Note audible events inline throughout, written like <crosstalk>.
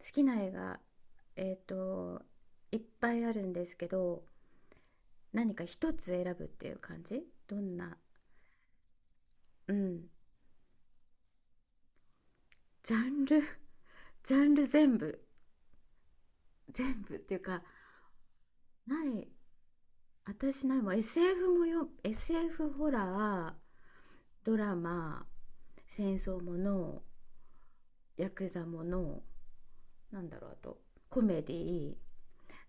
好きな映画、えっ、と、いっぱいあるんですけど、何か一つ選ぶっていう感じ。どんな、うん、ジャンル。 <laughs>、ジャンル全部、全部っていうか、ない、私ないもん SF もよ、SF ホラー、ドラマ、戦争もの、ヤクザもの、なんだろう、あと、コメディー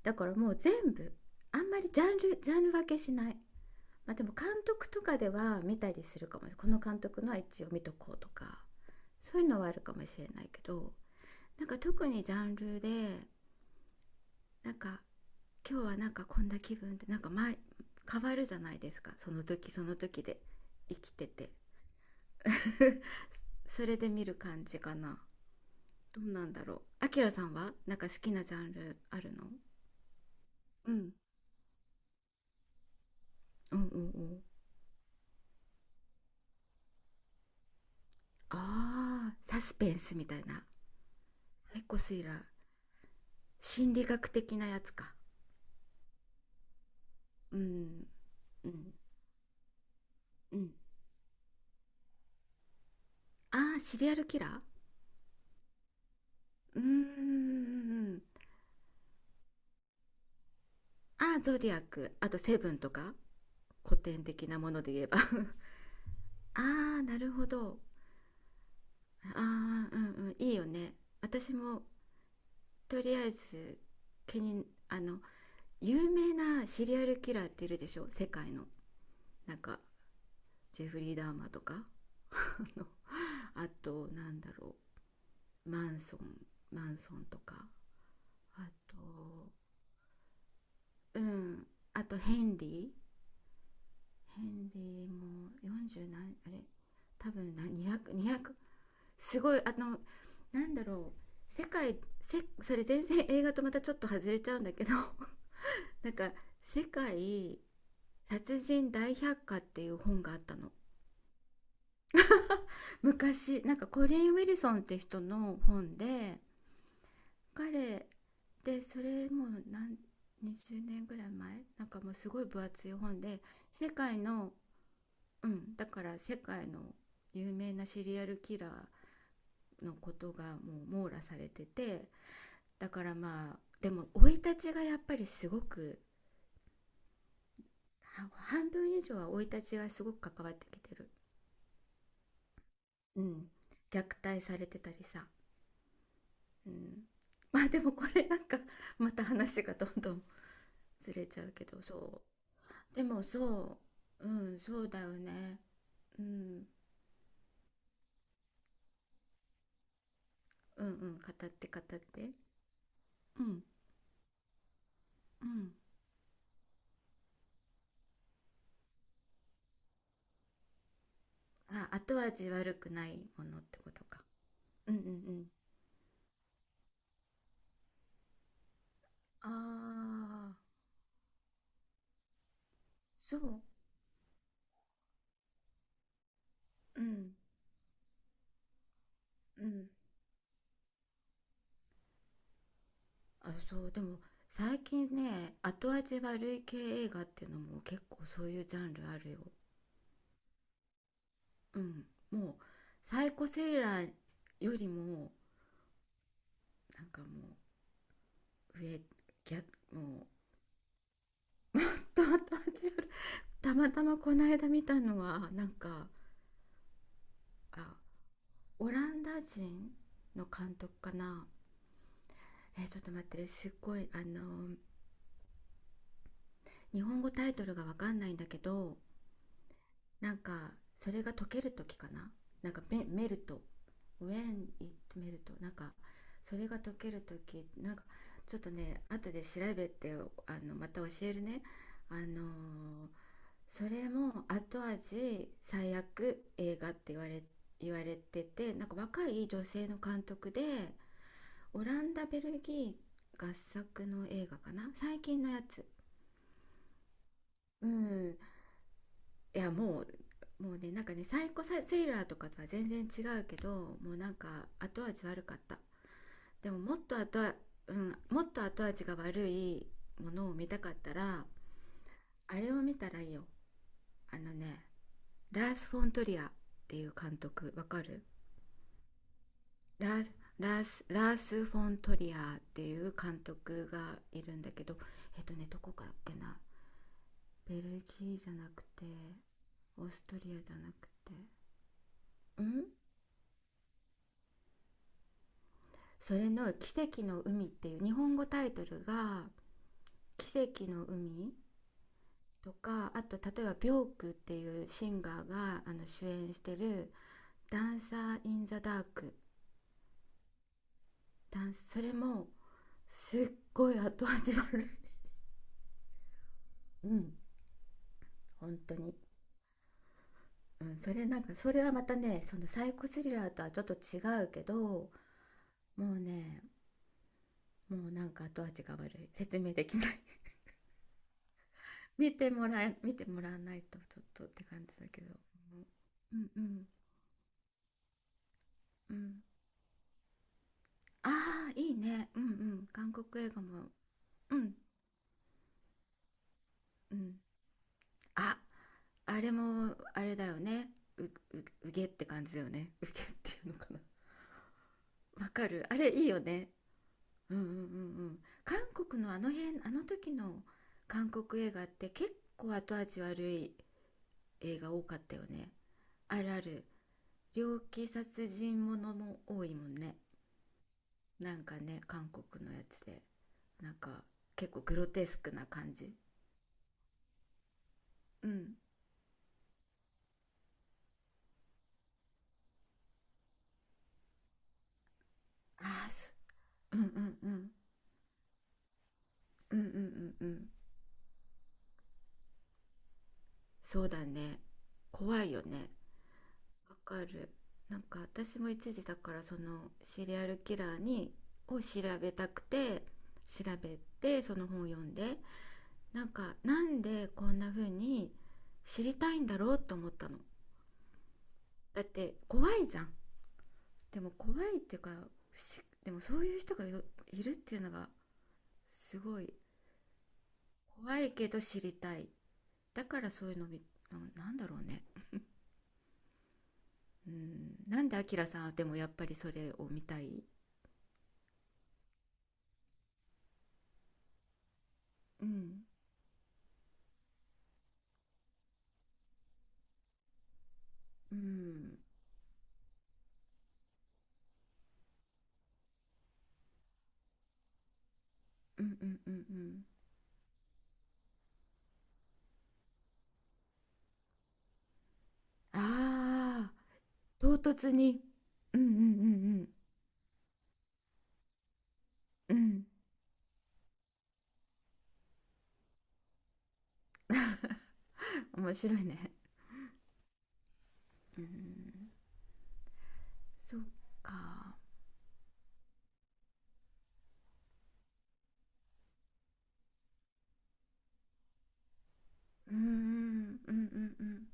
だからもう全部、あんまりジャンル分けしない。まあ、でも監督とかでは見たりするかも。この監督のは一応見とこうとか、そういうのはあるかもしれないけど、なんか特にジャンルで、なんか今日はなんかこんな気分ってなんか前変わるじゃないですか、その時その時で生きてて。 <laughs> それで見る感じかな。どうなんだろう、あきらさんはなんか好きなジャンルあるの？うんうん。あーサスペンスみたいな。結コスイラー、心理学的なやつか。うんうんうん。ああーシリアルキラー。うーん。ああーゾディアック、あとセブンとか、古典的なもので言えば。 <laughs> ああーなるほど。ああー、うんうん、いいよね。私もとりあえず、気にあの、有名なシリアルキラーっているでしょ、世界の。なんかジェフリー・ダーマーとか。 <laughs> あの、あとなんだろう、マンソンマンソンとか。あと、うん、あとヘンリ、ヘンリーも40何あれ、多分な200200すごいあの、なんだろう、世界、せそれ全然映画とまたちょっと外れちゃうんだけど、 <laughs> なんか「世界殺人大百科」っていう本があったの。昔なんかコリン・ウィルソンって人の本で、彼で、それもう何、20年ぐらい前、なんかもうすごい分厚い本で、世界の、うん、だから世界の有名なシリアルキラーのことがもう網羅されてて、だからまあでも生い立ちがやっぱりすごく、半分以上は生い立ちがすごく関わってきてる、うん、虐待されてたりさ、うん、まあでもこれなんか、また話がどんどんずれちゃうけど、そうでもそう、うん、そうだよね、うん、うんうん、語って語って。うんうん。あ、後味悪くないものってことか。うんうんうん。ああ、そう、うん、うん。あ、そう、でも最近ね、後味悪い系映画っていうのも結構そういうジャンルあるよ。うん。もう、サイコスリラーよりも、なんかもう、上、ギャ、もう、と後味悪い。たまたまこの間見たのは、なんか、あ、オランダ人の監督かな。え、ちょっと待って、すっごい、あの、日本語タイトルがわかんないんだけど、なんかそれが解ける時かな、なんかメメルト、 When it メルト、なんかそれが解ける時、なんかちょっとね後で調べて、あのまた教えるね。あのー、それも後味最悪映画って言われてて、なんか若い女性の監督で、オランダベルギー合作の映画かな、最近のやつ。うん、いやもうもうね、なんかね、サイコスリラーとかとは全然違うけど、もうなんか後味悪かった。でももっと後、うん、もっと後味が悪いものを見たかったら、あれを見たらいいよ。あのね、ラース・フォントリアっていう監督わかる？ラース、ラースフォントリアっていう監督がいるんだけど、えっとね、どこかっけな、ベルギーじゃなくて、オーストリアじゃなくて、ん、それの「奇跡の海」っていう日本語タイトルが、「奇跡の海」とか、あと例えばビョークっていうシンガーがあの主演してる「ダンサー・イン・ザ・ダーク」、ダンス、それもすっごい後味悪い。 <laughs> うん、本当に、うん、それなんか、それはまたね、そのサイコスリラーとはちょっと違うけど、もうね、もうなんか後味が悪い、説明できない。 <laughs> 見てもらわないとちょっとって感じだけど、うん、うんうんうん。ああ、いいね。うんうん。韓国映画も。うんうん。あ、あれも、あれだよね。う、う、うげって感じだよね。<laughs> うげっていうのかな。わかる。あれいいよね。うんうんうんうん。韓国のあの辺、あの時の韓国映画って結構後味悪い映画多かったよね。あるある。猟奇殺人ものも多いもんね、なんかね、韓国のやつで。なんか結構グロテスクな感じ。うん、ああす、うんうんうんうんうんうんうん、そうだね、怖いよね、わかる。なんか私も一時だから、そのシリアルキラーにを調べたくて、調べて、その本を読んで、なんかなんでこんな風に知りたいんだろうと思ったの。だって怖いじゃん、でも怖いっていうか不思、でもそういう人がよ、いるっていうのがすごい、怖いけど知りたい。だからそういうのみ、な、なんだろうね。うん、なんでアキラさんはでもやっぱりそれを見たい？うんうんうんうんうんうん、ああー唐突に、うんうんうんうんうん。 <laughs> 面白いね。うん、そっか。うんうんうんうん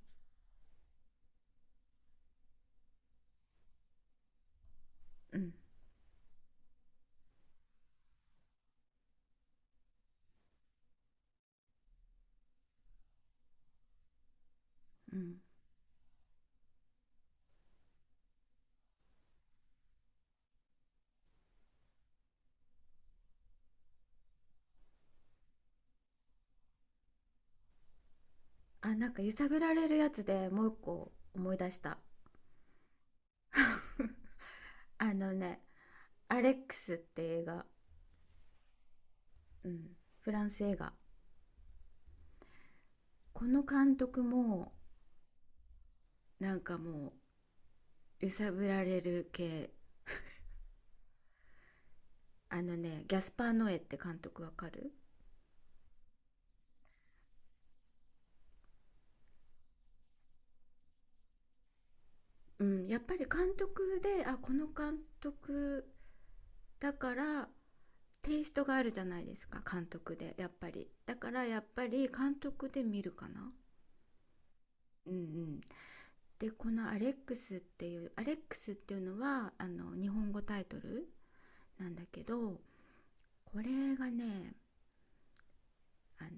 うんうん。あ、なんか揺さぶられるやつでもう一個思い出した。 <laughs> あのね「アレックス」って映画、うん、フランス映画、この監督もなんかもう揺さぶられる系。あのね、ギャスパー・ノエって監督わかる？うん、やっぱり監督で、あこの監督だから、テイストがあるじゃないですか、監督で、やっぱりだからやっぱり監督で見るかな。うんうん。で、この「アレックス」っていう、「アレックス」っていうのはあの日本語タイトルなんだけど、これがね、あの、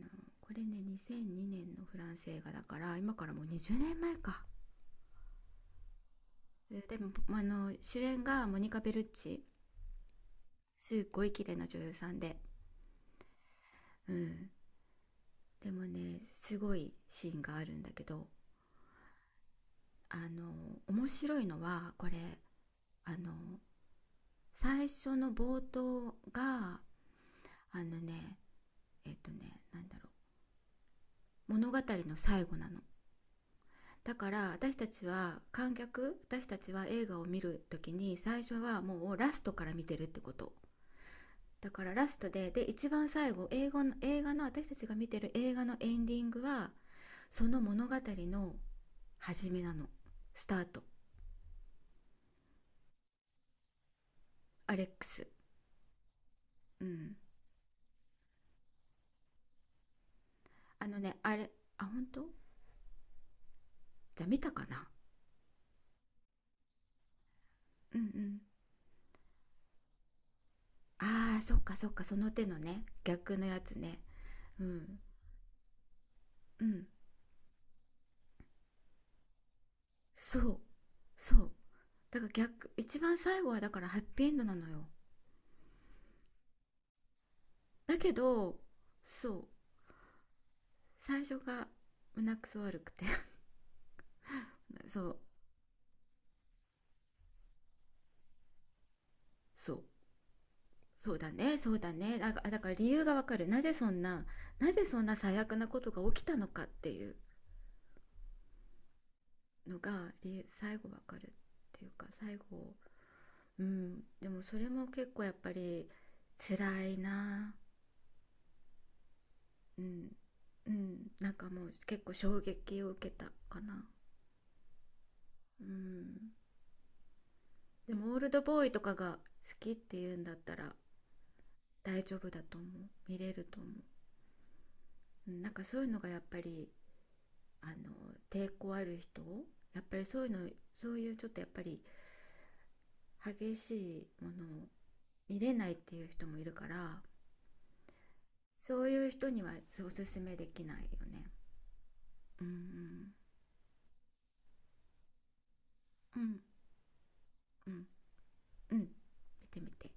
これね2002年のフランス映画だから、今からもう20年前か。でもあの主演がモニカ・ベルッチ、すっごい綺麗な女優さんで、うん、でもねすごいシーンがあるんだけど、あの、面白いのはこれ、あの、最初の冒頭が、あのね、えっとね、なんだろう、物語の最後なの。だから私たちは観客、私たちは映画を見るときに最初はもうラストから見てるってこと。だからラストで、で一番最後、英語の映画の、私たちが見てる映画のエンディングは、その物語の始めなの、スタート。アレックス。うん、あのね、あれ、あ本当、じゃあ見たかな。うんうん、あーそっかそっか、その手のね、逆のやつね。うんうん、そうそうだから逆、一番最後はだからハッピーエンドなのよ。だけど、そう、最初が胸くそ悪くて。 <laughs> そうそう、そうだね、そうだね。だから、だから理由がわかる。なぜそんな、なぜそんな最悪なことが起きたのかっていうのが、理由最後わかるっていうか、最後、うん。でもそれも結構やっぱり辛いな。うん。うん。なんかもう結構衝撃を受けたかな。うん。でもオールドボーイとかが好きっていうんだったら大丈夫だと思う。見れると思う。うん、なんかそういうのがやっぱり、あの抵抗ある人、やっぱりそういうの、そういうちょっとやっぱり激しいものを見れないっていう人もいるから、そういう人にはおすすめできないよね。うんうんうんうんうん。見てみて。